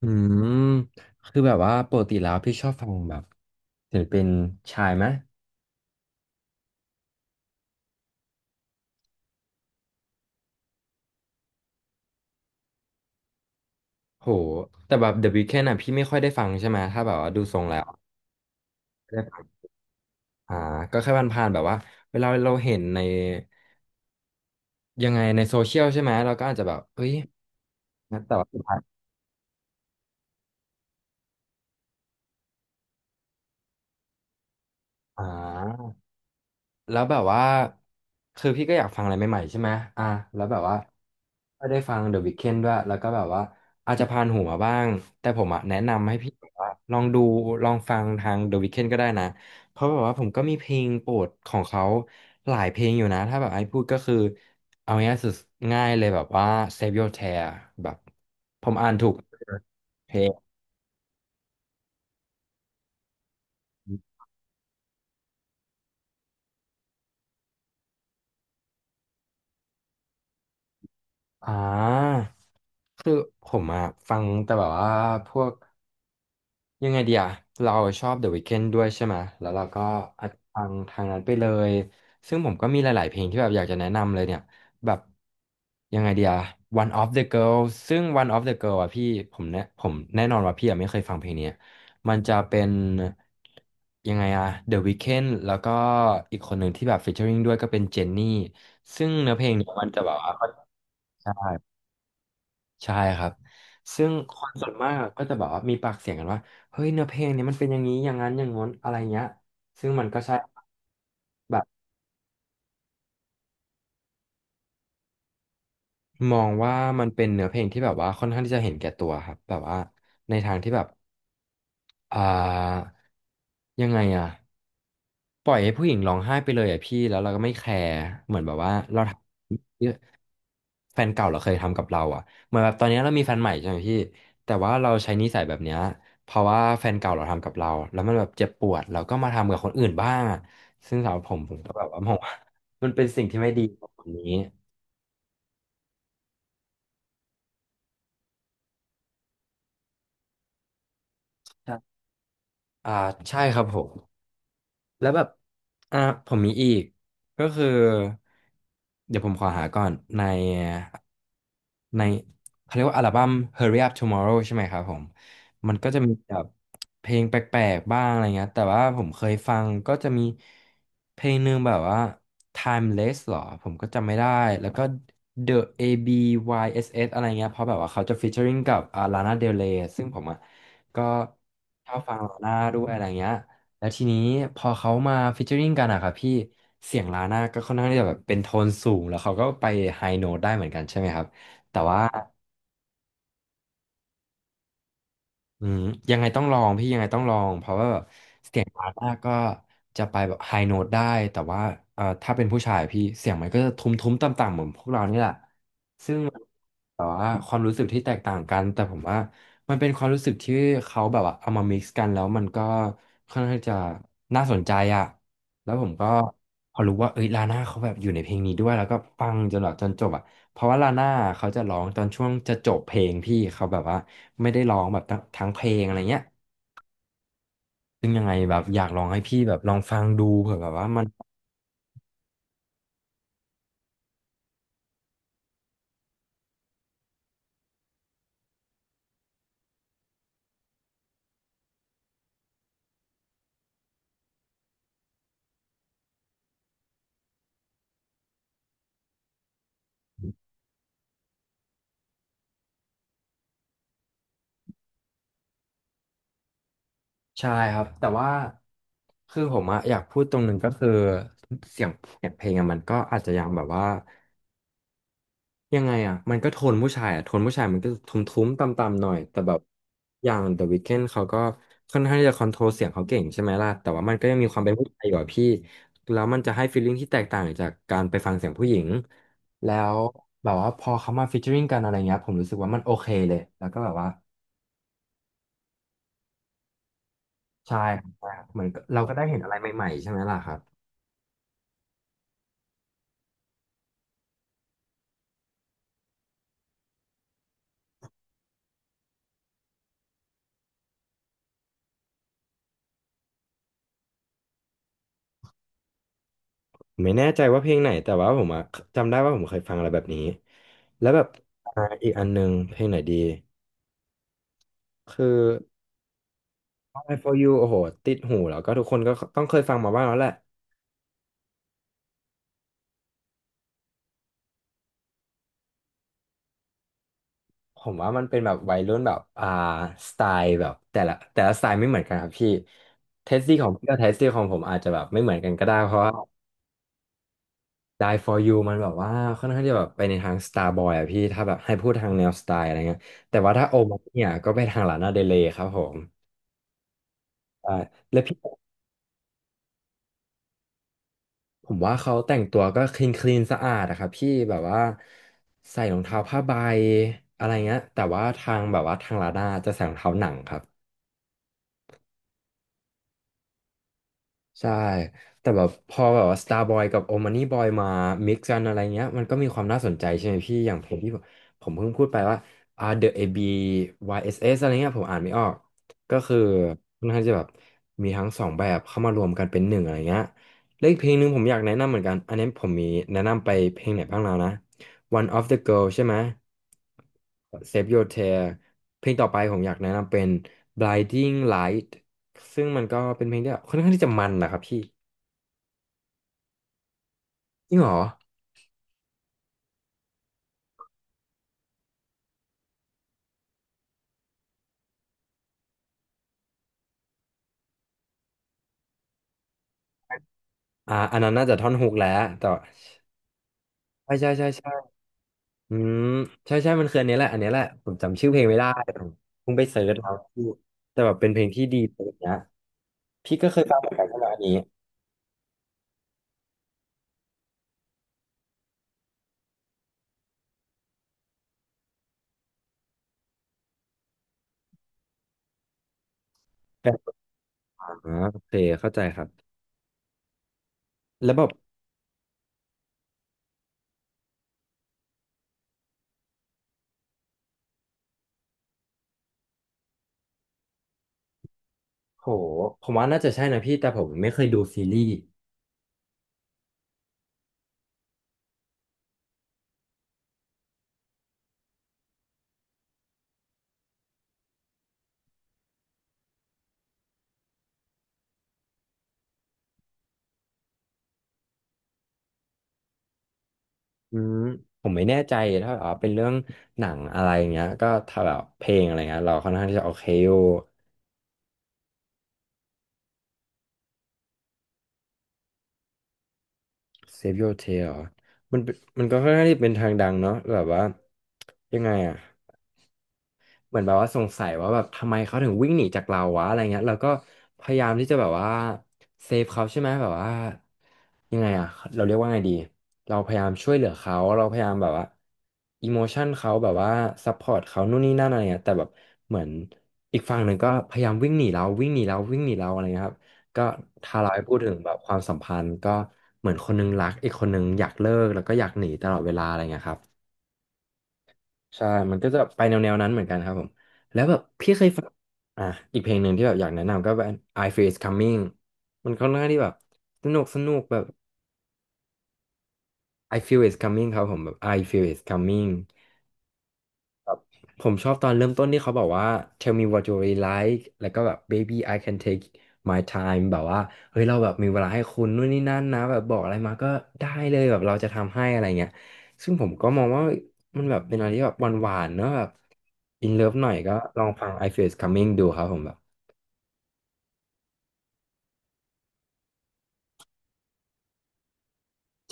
อืมคือแบบว่าปกติแล้วพี่ชอบฟังแบบศิลปินชายไหมโหแต่แบบ The Weeknd อ่ะพี่ไม่ค่อยได้ฟังใช่ไหมถ้าแบบว่าดูทรงแล้วไม่ได้ฟังอ่าก็แค่ผ่านๆแบบว่าเวลาเราเห็นในยังไงในโซเชียลใช่ไหมเราก็อาจจะแบบเฮ้ยแต่ว่าสุดท้ายอ่า แล้วแบบว่าคือพี่ก็อยากฟังอะไรใหม่ๆใช่ไหมอ่ะแล้วแบบว่าก็ได้ฟัง The Weeknd ด้วยแล้วก็แบบว่าอาจจะผ่านหูมาบ้างแต่ผมอ่ะแนะนำให้พี่แบบว่าลองดูลองฟังทาง The Weeknd ก็ได้นะเพราะแบบว่าผมก็มีเพลงโปรดของเขาหลายเพลงอยู่นะถ้าแบบไอ้พูดก็คือเอาง่ายสุดง่ายเลยแบบว่า Save Your Tear แบบผมอ่านถูกเพลงอ่าคือผมอะฟังแต่แบบว่าพวก ยังไงเดีย เราชอบ The Weeknd ด้วยใช่ไหม แล้วเราก็อัดฟังทางนั้นไปเลย ซึ่งผมก็มีหลายๆเพลงที่แบบอยากจะแนะนำเลยเนี่ย แบบยังไงเดีย One of the Girl ซึ่ง One of the Girl อะพี่ผมแน่นอนว่าพี่อะไม่เคยฟังเพลงนี้ มันจะเป็นยังไงอะ The Weeknd แล้วก็อีกคนหนึ่งที่แบบ featuring ด้วยก็เป็นเจนนี่ซึ่งเนื้อเพลงเนี่ยมันจะแบบว่าใช่ ใช่ครับ ซึ่งคนส่วนมากอะก็จะแบบว่ามีปากเสียงกันว่าเฮ้ยเนื้อเพลงเนี้ยมันเป็นอย่างนี้อย่างนั้นอย่างง้นอะไรเงี้ยซึ่งมันก็ใช่แบบมองว่ามันเป็นเนื้อเพลงที่แบบว่าค่อนข้างที่จะเห็นแก่ตัวครับแบบว่าในทางที่แบบอ่ายังไงอะปล่อยให้ผู้หญิงร้องไห้ไปเลยอะพี่แล้วเราก็ไม่แคร์เหมือนแบบว่าเราทำ แฟนเก่าเราเคยทำกับเราอ่ะเหมือนแบบตอนนี้เรามีแฟนใหม่ใช่ไหมพี่แต่ว่าเราใช้นิสัยแบบเนี้ยเพราะว่าแฟนเก่าเราทำกับเราแล้วมันแบบเจ็บปวดเราก็มาทำกับคนอื่นบ้างอ่ะซึ่งสำหรับผมผมก็แบบว่า มองว่ามันเป็นสิ่งที่ไม่ดีของคนนี้อ่าใช่ครับผม แล้วแบบอ่าผมมีอีกก็คือ เดี๋ยวผมขอหาก่อน ในเขาเรียกว่าอัลบั้ม Hurry Up Tomorrow ใช่ไหมครับผม มันก็จะมีแบบเพลงแปลกๆบ้างอะไรเงี้ยแต่ว่าผมเคยฟังก็จะมี เพลงหนึ่งแบบว่า Timeless หรอผมก็จำไม่ได้ แล้วก็ The A B Y S S อสเอสอะไรเงี้ยเพราะแบบว่าเขาจะ featuring กับLana Del Rey ซึ่งผมอ่ะก็ชอบฟังลาน่าด้วยอะไรเงี้ย แล้วทีนี้พอเขามาฟีเจอริงกันอะครับพี่เสียงลาน่าก็ค่อนข้างที่จะแบบเป็นโทนสูงแล้วเขาก็ไปไฮโน้ตได้เหมือนกันใช่ไหมครับแต่ว่าอืมยังไงต้องลองพี่ยังไงต้องลองเพราะว่าแบบเสียงลาน่าก็จะไปแบบไฮโน้ตได้แต่ว่าถ้าเป็นผู้ชายพี่เสียงมันก็จะทุ้มๆต่ำๆเหมือนพวกเรานี่แหละ แต่ว่าความรู้สึกที่แตกต่างกันแต่ผมว่ามันเป็นความรู้สึกที่เขาแบบว่าเอามา mix กันแล้วมันก็ค่อนข้างจะน่าสนใจอ่ะแล้วผมก็พอรู้ว่าเอ้ยลาน่าเขาแบบอยู่ในเพลงนี้ด้วยแล้วก็ฟังจนแบบจนจบอ่ะเพราะว่าลาน่าเขาจะร้องตอนช่วงจะจบเพลงพี่เขาแบบว่าไม่ได้ร้องแบบทั้งเพลงอะไรเงี้ยซึ่งยังไงแบบอยากลองให้พี่แบบลองฟังดูเผื่อแบบว่ามันใช่ครับแต่ว่าคือผมอะอยากพูดตรงหนึ่งก็คือเสียงเสียงเพลงอะมันก็อาจจะยังแบบว่า ยังไงอ่ะมันก็โทนผู้ชายอ่ะโทนผู้ชายมันก็ทุ้มๆต่ำๆหน่อย แต่แบบอย่าง The Weeknd เขาก็ค่อนข้างที่จะคอนโทรลเสียงเขาเก่งใช่ไหมล่ะ แต่ว่ามันก็ยังมีความเป็นผู้ชายอยู่อะพี่ แล้วมันจะให้ฟีลลิ่งที่แตกต่างจากการไปฟังเสียงผู้หญิง แล้วแบบว่าพอเขามาฟีเจอริงกันอะไรเงี้ยผมรู้สึกว่ามันโอเคเลยแล้วก็แบบว่าใช่ครับเหมือนเราก็ได้เห็นอะไรใหม่ๆใช่ไหมล่ะครับไม่แน่ใจว่าเพลงไหนแต่ว่าผมอะจำได้ว่าผมเคยฟังอะไรแบบนี้แล้วแบบอ่าอีกอันหนึงเพลงไหนดีคือ I for you โอ้โหติดหูแล้วก็ทุกคนก็ต้องเคยฟังมาบ้างแล้วแหละผมว่ามันเป็นแบบวัยรุ่นแบบสไตล์แบบแต่ละสไตล์ไม่เหมือนกันครับพี่เทสตี้ของพี่กับเทสตี้ของผมอาจจะแบบไม่เหมือนกันก็ได้เพราะว่า Die for you มันแบบว่าค่อนข้างจะแบบไปในทาง Starboy อะพี่ถ้าแบบให้พูดทางแนวสไตล์อะไรเงี้ยแต่ว่าถ้าโอมาเนี่ยก็ไปทางลานาเดเลย์ครับผมใช่แล้วพี่ ผมว่าเขาแต่งตัวก็คลีนสะอาดอะครับพี่แบบว่าใส่รองเท้าผ้าใบอะไรเงี้ยแต่ว่าทางแบบว่าทางลาด้าจะใส่รองเท้าหนังครับ ใช่ แต่แบบพอแบบว่า Starboy กับ o m a n i Boy มา mix กันอะไรเงี้ย มันก็มีความน่าสนใจใช่ไหมพี่ อย่างเพลงที่ผมเพิ่งพูดไปว่าThe AB YSS อสเอสอะไรเงี้ย ผมอ่านไม่ออก ก็คือค่อนข้างจะแบบมีทั้งสองแบบเข้ามารวมกันเป็นหนึ่งอะไรเงี้ยแล้วอีกเพลงหนึ่งผมอยากแนะนำเหมือนกัน อันนี้ผมมีแนะนำไปเพลงไหนบ้างแล้วนะ One of the Girl ใช่ไหม Save Your Tear เพลงต่อไปผมอยากแนะนำเป็น Blinding Light ซึ่งมันก็เป็นเพลงที่แบบค่อนข้างที่จะมันนะครับพี่จริงเหรออันนั้นน่าจะท่อนฮุกแล้วแต่ใช่ใช่ใช่ใช่อืมใช่ใช่มันคืออันนี้แหละผมจำชื่อเพลงไม่ได้ผมเพิ่งไปเสิร์ชแล้วพี่แต่แบบเป็นเพลงที่ดีอะไรเงี้ยพี่ก็เคยฟังเหมือนกันใช่ไหมอันนี้แตอ่าโอเคเข้าใจครับแล้วแบบโหผมว่าน่าจะใช่นะพี่แต่ผมไม่เคยดูซีรีส์อืมผมไม่แน่ใจถ้าแบบว่าเป็นเรื่องหนังอะไรอย่างเงี้ยก็ถ้าแบบเพลงอะไรเงี้ยเราค่อนข้างที่จะโอเคอยู่ Save Your Tail เหรอมันเป็นมันก็ค่อนข้างที่เป็นทางดังเนาะแบบว่ายังไงอะ เหมือนแบบว่าสงสัยว่าแบบทำไมเขาถึงวิ่งหนีจากเราวะอะไรเงี้ยเราก็พยายามที่จะแบบว่าเซฟเขาใช่ไหมแบบว่ายังไงอะเราเรียกว่าไงดีเราพยายามช่วยเหลือเขาเราพยายามแบบว่าอิโมชันเขาแบบว่าซัพพอร์ตเขานู่นนี่นั่นอะไรเงี้ยแต่แบบเหมือนอีกฝั่งหนึ่งก็พยายามวิ่งหนีเราวิ่งหนีเราอะไรเงี้ยครับก็ถ้าเราให้พูดถึงแบบความสัมพันธ์ก็เหมือนคนนึงรักอีกคนนึงอยากเลิกแล้วก็อยากหนีตลอดเวลาอะไรเงี้ยครับ ใช่มันก็จะไปแนวนั้นเหมือนกันครับผม แล้วแบบพี่เคยฟังอ่ะอีกเพลงหนึ่งที่แบบอยากแนะนำก็เป็น I Feel It's Coming มันค่อนข้างที่แบบสนุกสนุกแบบ I Feel It's Coming ครับผมแบบ I Feel It's Coming ผมชอบตอนเริ่มต้นที่เขาบอกว่า tell me what you really like แล้วก็แบบ baby I can take my time แบบว่า เฮ้ยเราแบบมีเวลาให้คุณนู่นนี่นั่นนะแบบบอกอะไรมาก็ได้เลยแบบเราจะทำให้อะไรเงี้ยซึ่งผมก็มองว่ามันแบบเป็นอะไรที่แบบหวานๆเนอะแบบ in love หน่อยก็ลองฟัง I Feel It's Coming ดูครับผมแบบ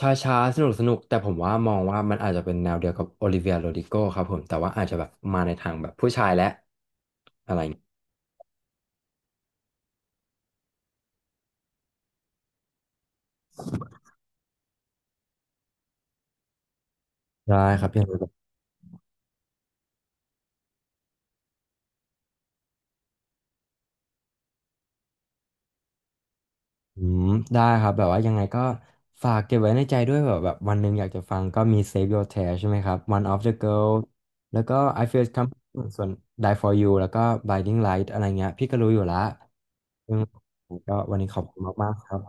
ช้าๆสนุกสนุกแต่ผมมองว่ามันอาจจะเป็นแนวเดียวกับโอลิเวียโรดิโกครับผมแต่ว่าอาจจะแบบมาในทางแบบผู้ชายและอะไรอย่างเงี้ยได้ครับพี่ อืมได้ครับแบบว่ายังไงก็ฝากเก็บไว้ในใจด้วยแบบวันหนึ่งอยากจะฟังก็มี Save Your Tear ใช่ไหมครับ One of the Girl แล้วก็ I Feel Come ส่วน Die for You แล้วก็ Blinding Light อะไรเงี้ยพี่ก็รู้อยู่ละอืมก็วันนี้ขอบคุณมากๆครับ